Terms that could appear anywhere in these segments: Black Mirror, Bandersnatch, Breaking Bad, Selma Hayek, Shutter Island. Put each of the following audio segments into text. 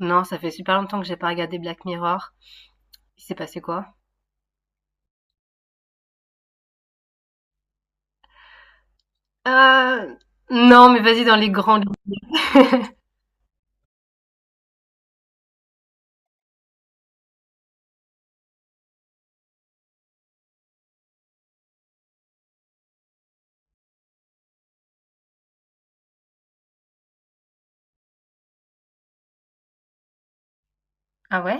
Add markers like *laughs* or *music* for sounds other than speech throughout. Non, ça fait super longtemps que j'ai pas regardé Black Mirror. Il s'est passé quoi? Euh, non, mais vas-y dans les grandes. Ah ouais?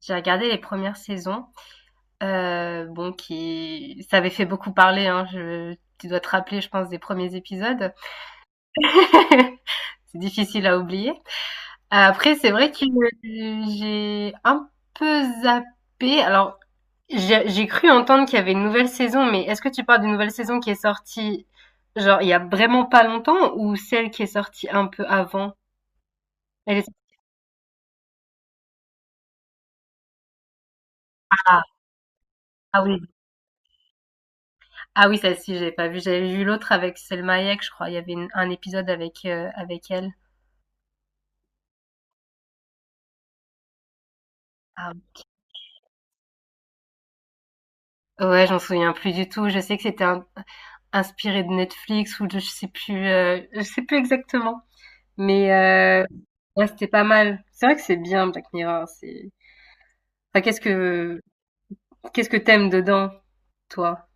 J'ai regardé les premières saisons. Bon, qui, ça avait fait beaucoup parler, hein. Je... Tu dois te rappeler, je pense, des premiers épisodes. *laughs* C'est difficile à oublier. Après, c'est vrai que j'ai un peu zappé. Alors, j'ai cru entendre qu'il y avait une nouvelle saison, mais est-ce que tu parles d'une nouvelle saison qui est sortie, genre, il y a vraiment pas longtemps ou celle qui est sortie un peu avant? Elle est... Ah, ah oui. Ah oui, celle-ci, j'avais pas vu. J'avais vu l'autre avec Selma Hayek, je crois. Il y avait un épisode avec, avec elle. Ah oui. Ouais, j'en souviens plus du tout. Je sais que c'était inspiré de Netflix ou de, je sais plus exactement. Mais, ouais, c'était pas mal. C'est vrai que c'est bien, Black Mirror. C'est, enfin, qu'est-ce que t'aimes dedans, toi?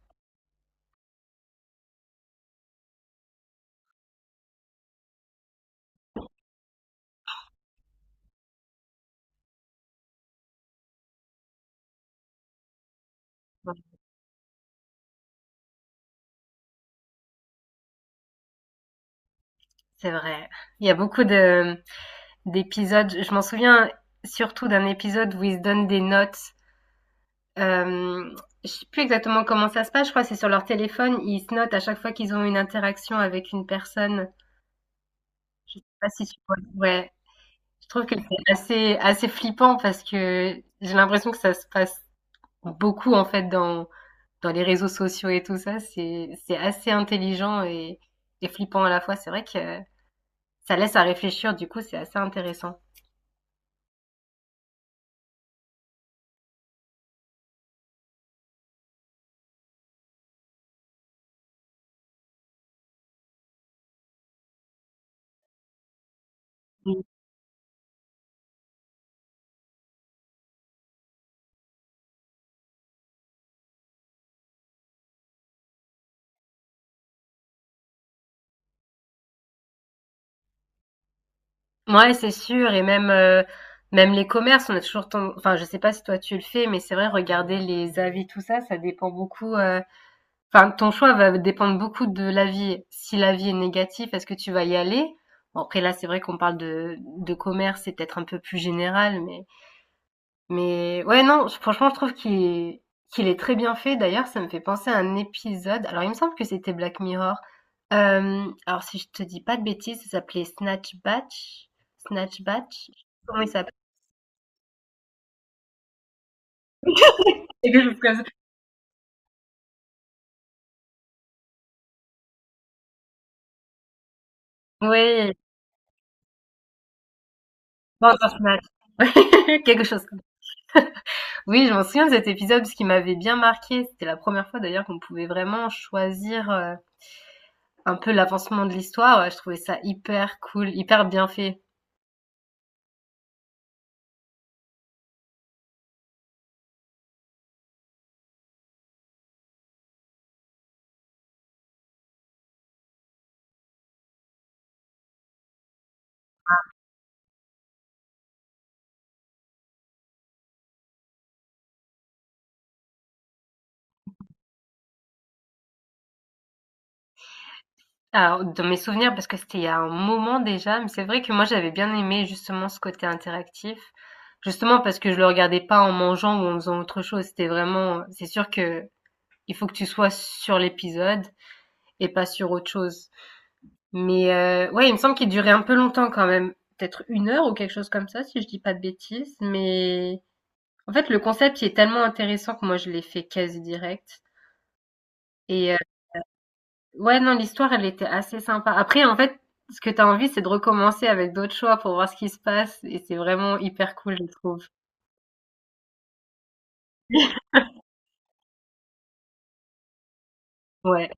C'est vrai. Il y a beaucoup de d'épisodes. Je m'en souviens surtout d'un épisode où ils se donnent des notes. Euh, je sais plus exactement comment ça se passe. Je crois que c'est sur leur téléphone. Ils se notent à chaque fois qu'ils ont une interaction avec une personne. Je sais pas si tu vois. Ouais. Je trouve que c'est assez flippant parce que j'ai l'impression que ça se passe beaucoup en fait dans les réseaux sociaux et tout ça. C'est assez intelligent et flippant à la fois. C'est vrai que ça laisse à réfléchir. Du coup, c'est assez intéressant. Ouais, c'est sûr et même, même les commerces, on a toujours ten enfin, je sais pas si toi tu le fais, mais c'est vrai regarder les avis, tout ça, ça dépend beaucoup, enfin, ton choix va dépendre beaucoup de l'avis. Si l'avis est négatif, est-ce que tu vas y aller? Bon après là, c'est vrai qu'on parle de commerce, c'est peut-être un peu plus général, mais ouais, non, je franchement, je trouve qu'il est très bien fait. D'ailleurs, ça me fait penser à un épisode. Alors, il me semble que c'était Black Mirror. Hem, alors, si je te dis pas de bêtises, ça s'appelait Snatch Batch? Snatch Batch? Comment il s'appelle Quelque chose comme ça. Ouais, Bandersnatch. *laughs* Quelque chose comme ça. Oui, je m'en souviens de cet épisode parce qu'il m'avait bien marqué. C'était la première fois d'ailleurs qu'on pouvait vraiment choisir, un peu l'avancement de l'histoire. Ouais, je trouvais ça hyper cool, hyper bien fait. Alors, dans mes souvenirs, parce que c'était il y a un moment déjà, mais c'est vrai que moi j'avais bien aimé justement ce côté interactif. Justement parce que je le regardais pas en mangeant ou en faisant autre chose. C'était vraiment, c'est sûr que il faut que tu sois sur l'épisode et pas sur autre chose. Mais ouais, il me semble qu'il durait un peu longtemps quand même, peut-être une heure ou quelque chose comme ça, si je dis pas de bêtises. Mais en fait, le concept il est tellement intéressant que moi je l'ai fait quasi direct. Et ouais, non, l'histoire, elle était assez sympa. Après, en fait, ce que t'as envie, c'est de recommencer avec d'autres choix pour voir ce qui se passe et c'est vraiment hyper cool, je trouve. Ouais.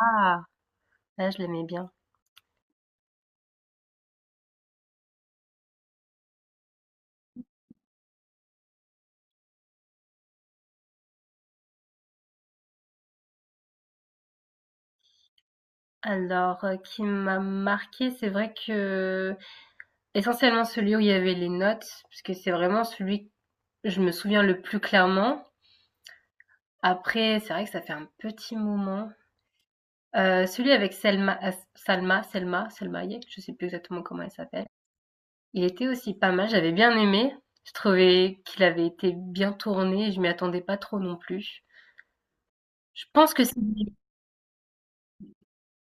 Ah, là, je l'aimais bien. Alors, qui m'a marqué, c'est vrai que essentiellement celui où il y avait les notes, puisque c'est vraiment celui que je me souviens le plus clairement. Après, c'est vrai que ça fait un petit moment. Celui avec Selma, As- Salma, Selma, Selma Hayek, je sais plus exactement comment elle s'appelle. Il était aussi pas mal, j'avais bien aimé. Je trouvais qu'il avait été bien tourné, je m'y attendais pas trop non plus. Je pense que c'est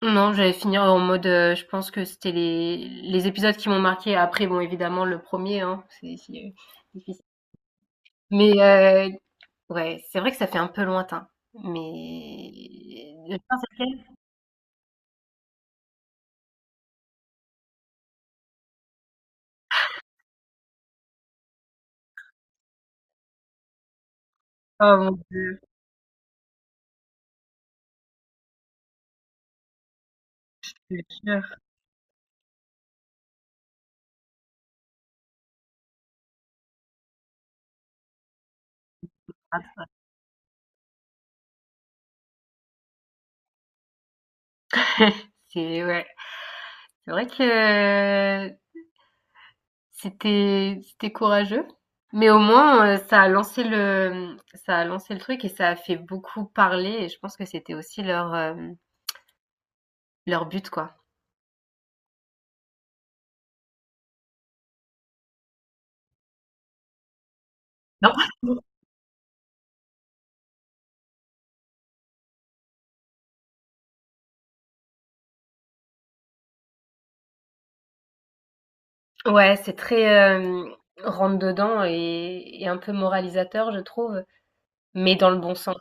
Non, j'allais finir en mode, je pense que c'était les épisodes qui m'ont marqué. Après bon, évidemment le premier, hein, c'est difficile. Mais ouais, c'est vrai que ça fait un peu lointain, mais le pire c'est oh mon Dieu, je te jure. *laughs* C'est ouais, c'est vrai que c'était courageux, mais au moins, ça a lancé le truc et ça a fait beaucoup parler et je pense que c'était aussi leur, leur but, quoi. Non? Ouais, c'est très, rentre dedans et un peu moralisateur, je trouve, mais dans le bon sens.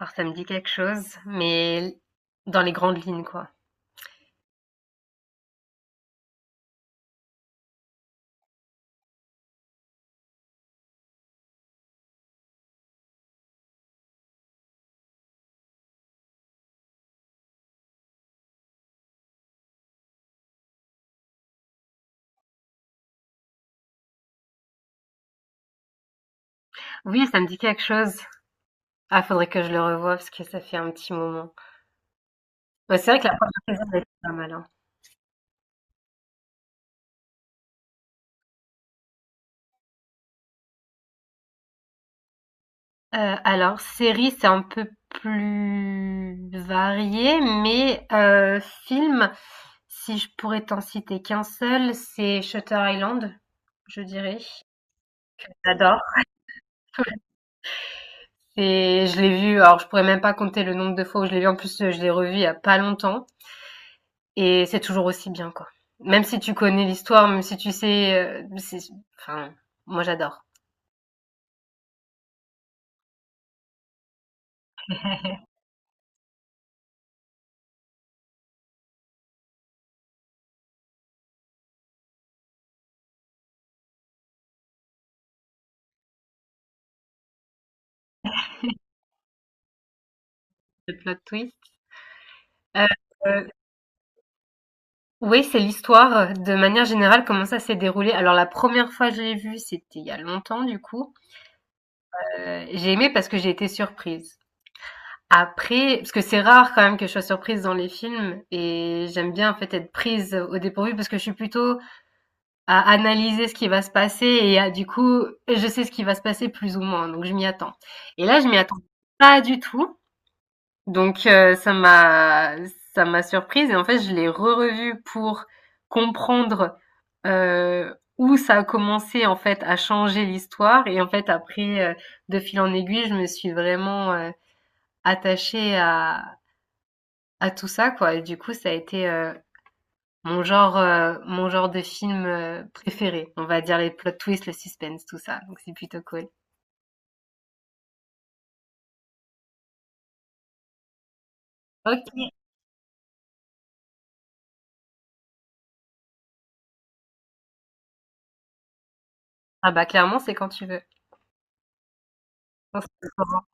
Alors ça me dit quelque chose, mais dans les grandes lignes, quoi. Oui, ça me dit quelque chose. Ah, faudrait que je le revoie parce que ça fait un petit moment. Bah, c'est vrai que la première saison elle était pas mal, hein. Heu, alors série, c'est un peu plus varié, mais film, si je pourrais t'en citer qu'un seul, c'est Shutter Island, je dirais. J'adore. C'est Je l'ai vu, alors je pourrais même pas compter le nombre de fois où je l'ai vu. En plus, je l'ai revu il y a pas longtemps et c'est toujours aussi bien, quoi. Même si tu connais l'histoire, même si tu sais, c'est enfin, moi j'adore. Le plot twist. Heu Oui, c'est l'histoire, de manière générale, comment ça s'est déroulé. Alors la première fois que je l'ai vu, c'était il y a longtemps du coup, j'ai aimé parce que j'ai été surprise. Après parce que c'est rare quand même que je sois surprise dans les films et j'aime bien en fait être prise au dépourvu parce que je suis plutôt à analyser ce qui va se passer et à du coup, je sais ce qui va se passer plus ou moins, donc je m'y attends. Et là, je m'y attends pas du tout. Donc ça m'a surprise et en fait, je l'ai re-revu pour comprendre, où ça a commencé, en fait, à changer l'histoire et en fait, après, de fil en aiguille, je me suis vraiment, attachée à tout ça, quoi, et du coup, ça a été, mon genre de film, préféré. On va dire les plot twists, le suspense, tout ça, donc c'est plutôt cool. OK. Ah bah, clairement, c'est quand tu veux. On se